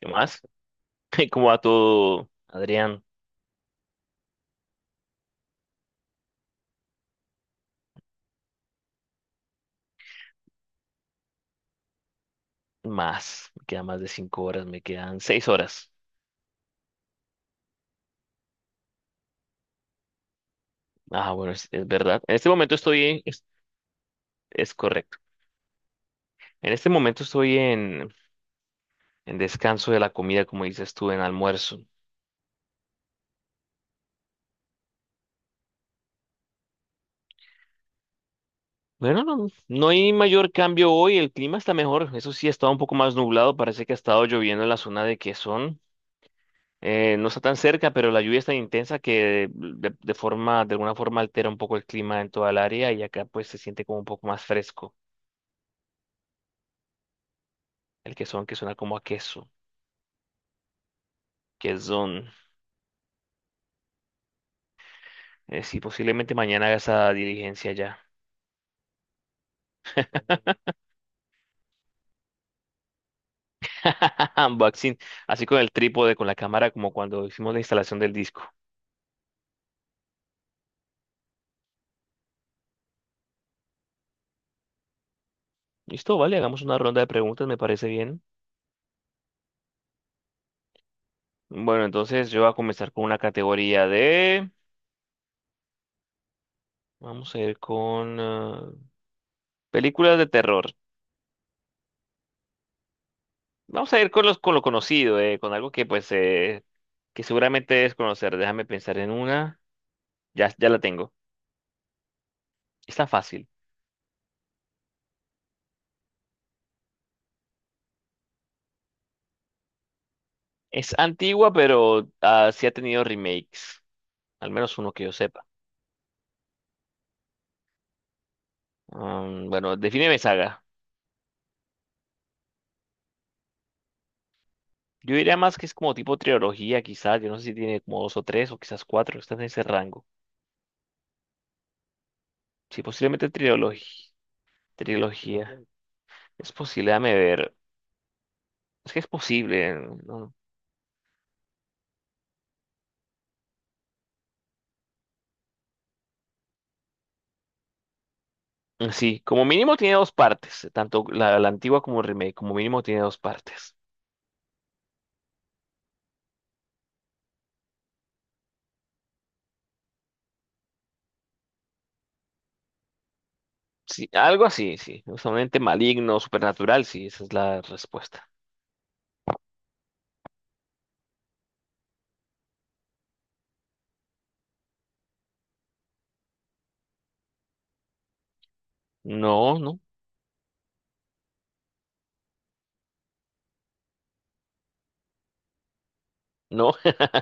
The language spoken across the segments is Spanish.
¿Qué más? ¿Cómo va todo, Adrián? Más, me quedan más de 5 horas, me quedan 6 horas. Ah, bueno, es verdad. En este momento estoy, es correcto. En este momento estoy en descanso de la comida, como dices tú, en almuerzo. Bueno, no, no hay mayor cambio hoy, el clima está mejor, eso sí, ha estado un poco más nublado, parece que ha estado lloviendo en la zona de Quezón. No está tan cerca, pero la lluvia es tan intensa que de alguna forma altera un poco el clima en toda el área y acá pues se siente como un poco más fresco. El quesón que suena como a queso. Quesón. Sí, posiblemente mañana haga esa diligencia ya. Unboxing. Así con el trípode, con la cámara, como cuando hicimos la instalación del disco. Listo, vale, hagamos una ronda de preguntas, me parece bien. Bueno, entonces yo voy a comenzar con una categoría de... Vamos a ir con películas de terror. Vamos a ir con lo conocido, con algo que pues que seguramente es conocer. Déjame pensar en una. Ya la tengo. Está fácil. Es antigua, pero sí ha tenido remakes. Al menos uno que yo sepa. Mm, bueno, defíneme saga. Yo diría más que es como tipo trilogía, quizás. Yo no sé si tiene como dos o tres o quizás cuatro. Está en ese rango. Sí, posiblemente trilogía. Trilogía. Es posible, déjame ver. Es que es posible. ¿No? Mm, sí, como mínimo tiene dos partes. Tanto la antigua como el remake. Como mínimo tiene dos partes. Sí, algo así, sí. Usualmente maligno, supernatural, sí. Esa es la respuesta. No, no, no,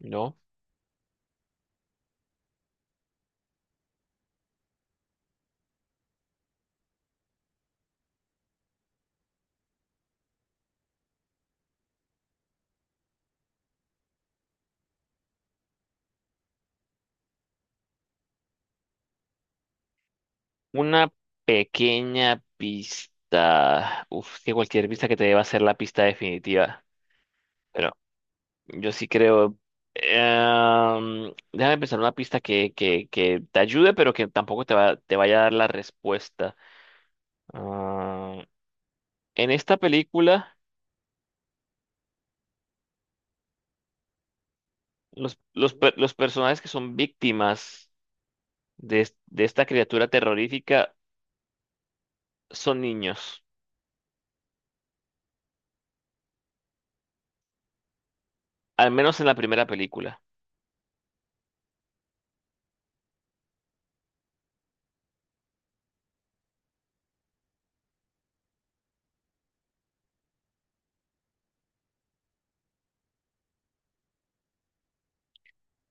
no. Una pequeña pista. Uf, que cualquier pista que te dé va a ser la pista definitiva. Pero yo sí creo. Déjame pensar una pista que, te ayude, pero que tampoco te vaya a dar la respuesta. Ah, en esta película, los personajes que son víctimas de esta criatura terrorífica son niños. Al menos en la primera película.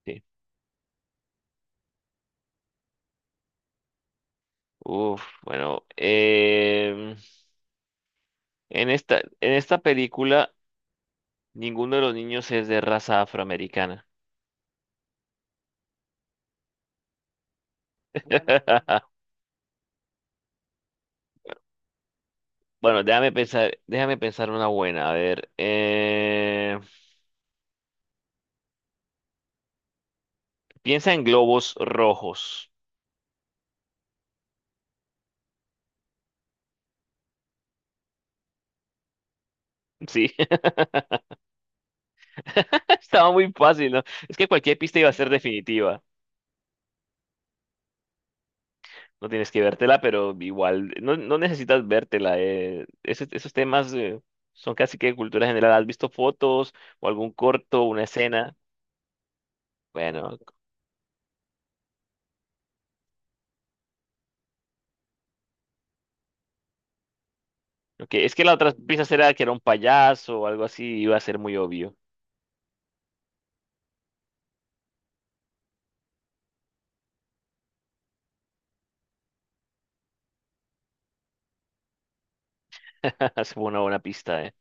Sí. Uf, bueno, en esta película ninguno de los niños es de raza afroamericana. Bueno, déjame pensar una buena. A ver, piensa en globos rojos. Sí, estaba muy fácil, ¿no? Es que cualquier pista iba a ser definitiva. No tienes que vértela, pero igual, no necesitas vértela. Esos temas son casi que cultura general. ¿Has visto fotos o algún corto, una escena? Bueno, ok, es que la otra pista era que era un payaso o algo así, iba a ser muy obvio. Es una buena pista, ¿eh?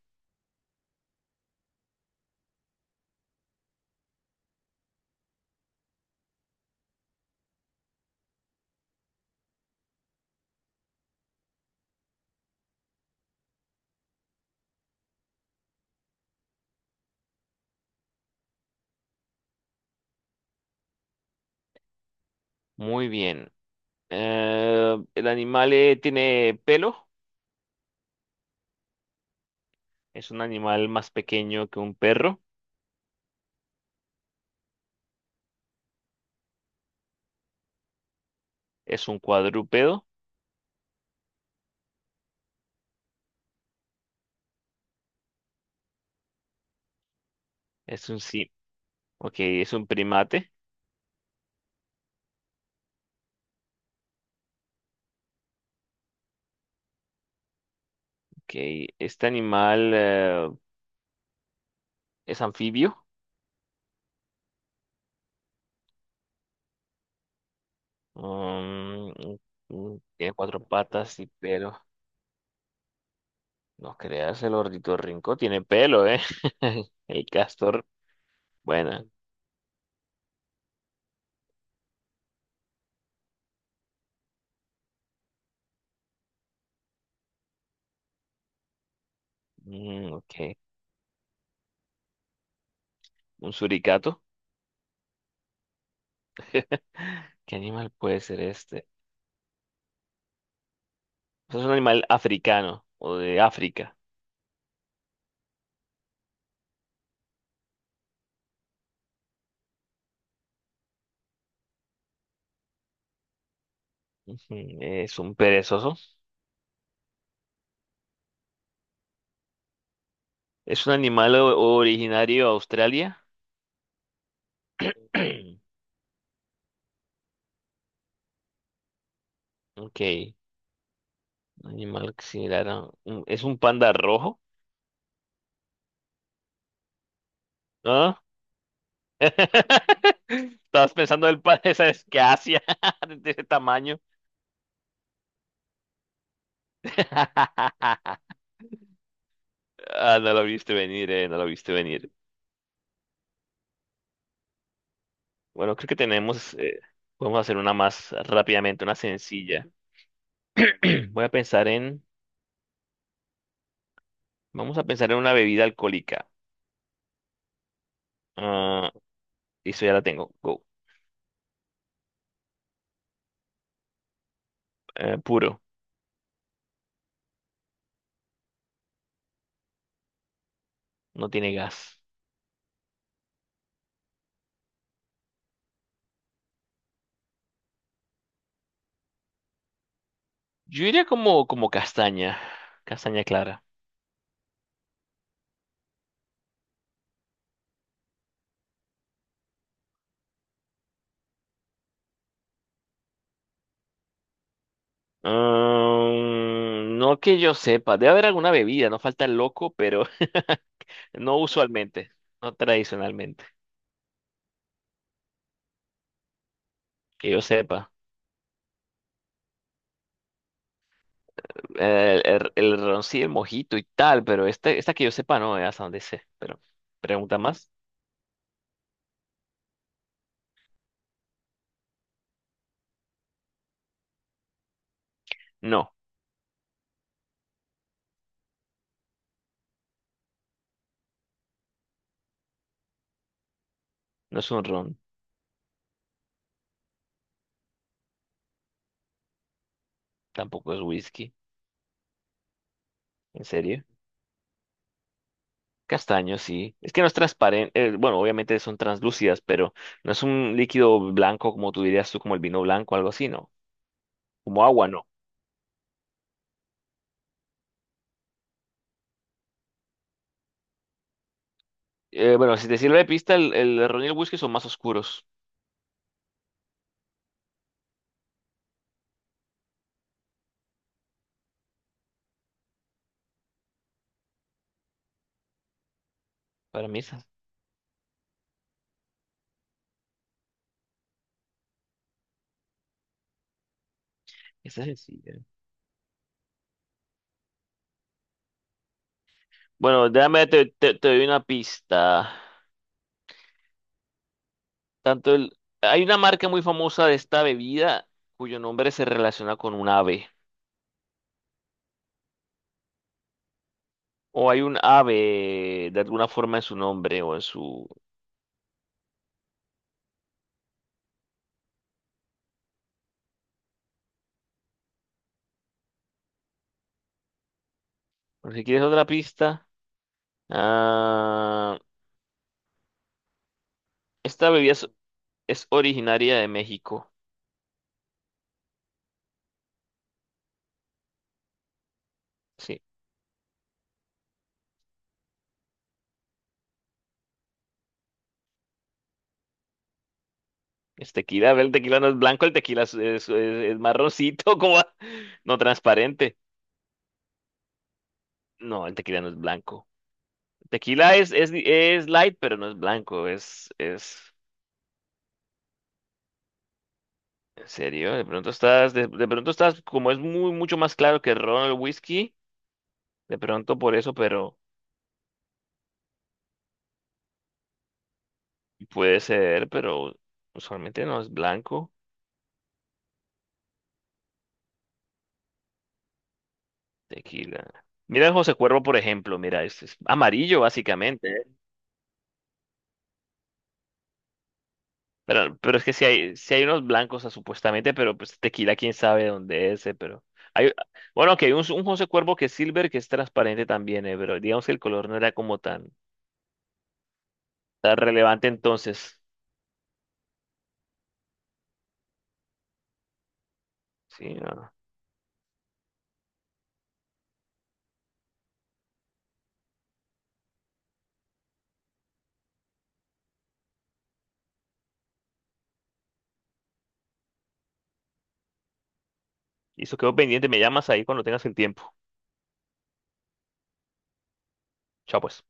Muy bien. El animal tiene pelo, es un animal más pequeño que un perro, es un cuadrúpedo, es un sí, ok, es un primate. Ok, este animal es anfibio. um, Tiene cuatro patas y pelo. No creas, el ornitorrinco tiene pelo, ¿eh? El castor, bueno, mm, ok. Un suricato. ¿Qué animal puede ser este? Pues es un animal africano o de África. Ujú, es un perezoso. ¿Es un animal originario de Australia? Ok. Un animal similar a ¿Es un panda rojo? ¿Ah? Estabas pensando del panda, esa es que Asia, de ese tamaño. Ah, no lo viste venir, no lo viste venir. Bueno, creo que tenemos. Podemos hacer una más rápidamente, una sencilla. Voy a pensar en, Vamos a pensar en una bebida alcohólica. Ah, eso ya la tengo. Go. Puro, no tiene gas. Yo iría como castaña, castaña clara. Ah, no que yo sepa, debe haber alguna bebida, no falta el loco, pero no usualmente, no tradicionalmente, que yo sepa. El ron sí, el mojito y tal, pero esta que yo sepa no, hasta donde sé. Pero, ¿pregunta más? No, no es un ron, tampoco es whisky, ¿en serio? Castaño, sí. Es que no es transparente, bueno, obviamente son translúcidas, pero no es un líquido blanco como tú dirías tú, como el vino blanco, algo así, ¿no? Como agua, no. Bueno, si te sirve de pista, el ron y el whisky son más oscuros. Para mí, esa es sencilla. Bueno, déjame, te doy una pista. Tanto el, hay una marca muy famosa de esta bebida cuyo nombre se relaciona con un ave. O hay un ave de alguna forma en su nombre o en su. Bueno, si quieres otra pista. Ah, esta bebida es originaria de México. Sí. Es tequila. El tequila no es blanco, el tequila es marroncito, como no transparente. No, el tequila no es blanco. El tequila es light, pero no es blanco. Es, es. ¿En serio? De pronto estás, como es mucho más claro que el ron, el whisky, de pronto por eso, pero puede ser, pero usualmente no es blanco. Tequila. Mira el José Cuervo, por ejemplo, mira, es amarillo básicamente. Pero es que si hay unos blancos, o sea, supuestamente, pero pues tequila, quién sabe dónde es, pero hay, bueno, que hay un José Cuervo que es silver, que es transparente también, pero digamos que el color no era como tan relevante entonces. Sí, no, no. Y eso quedó pendiente, me llamas ahí cuando tengas el tiempo. Chao, pues.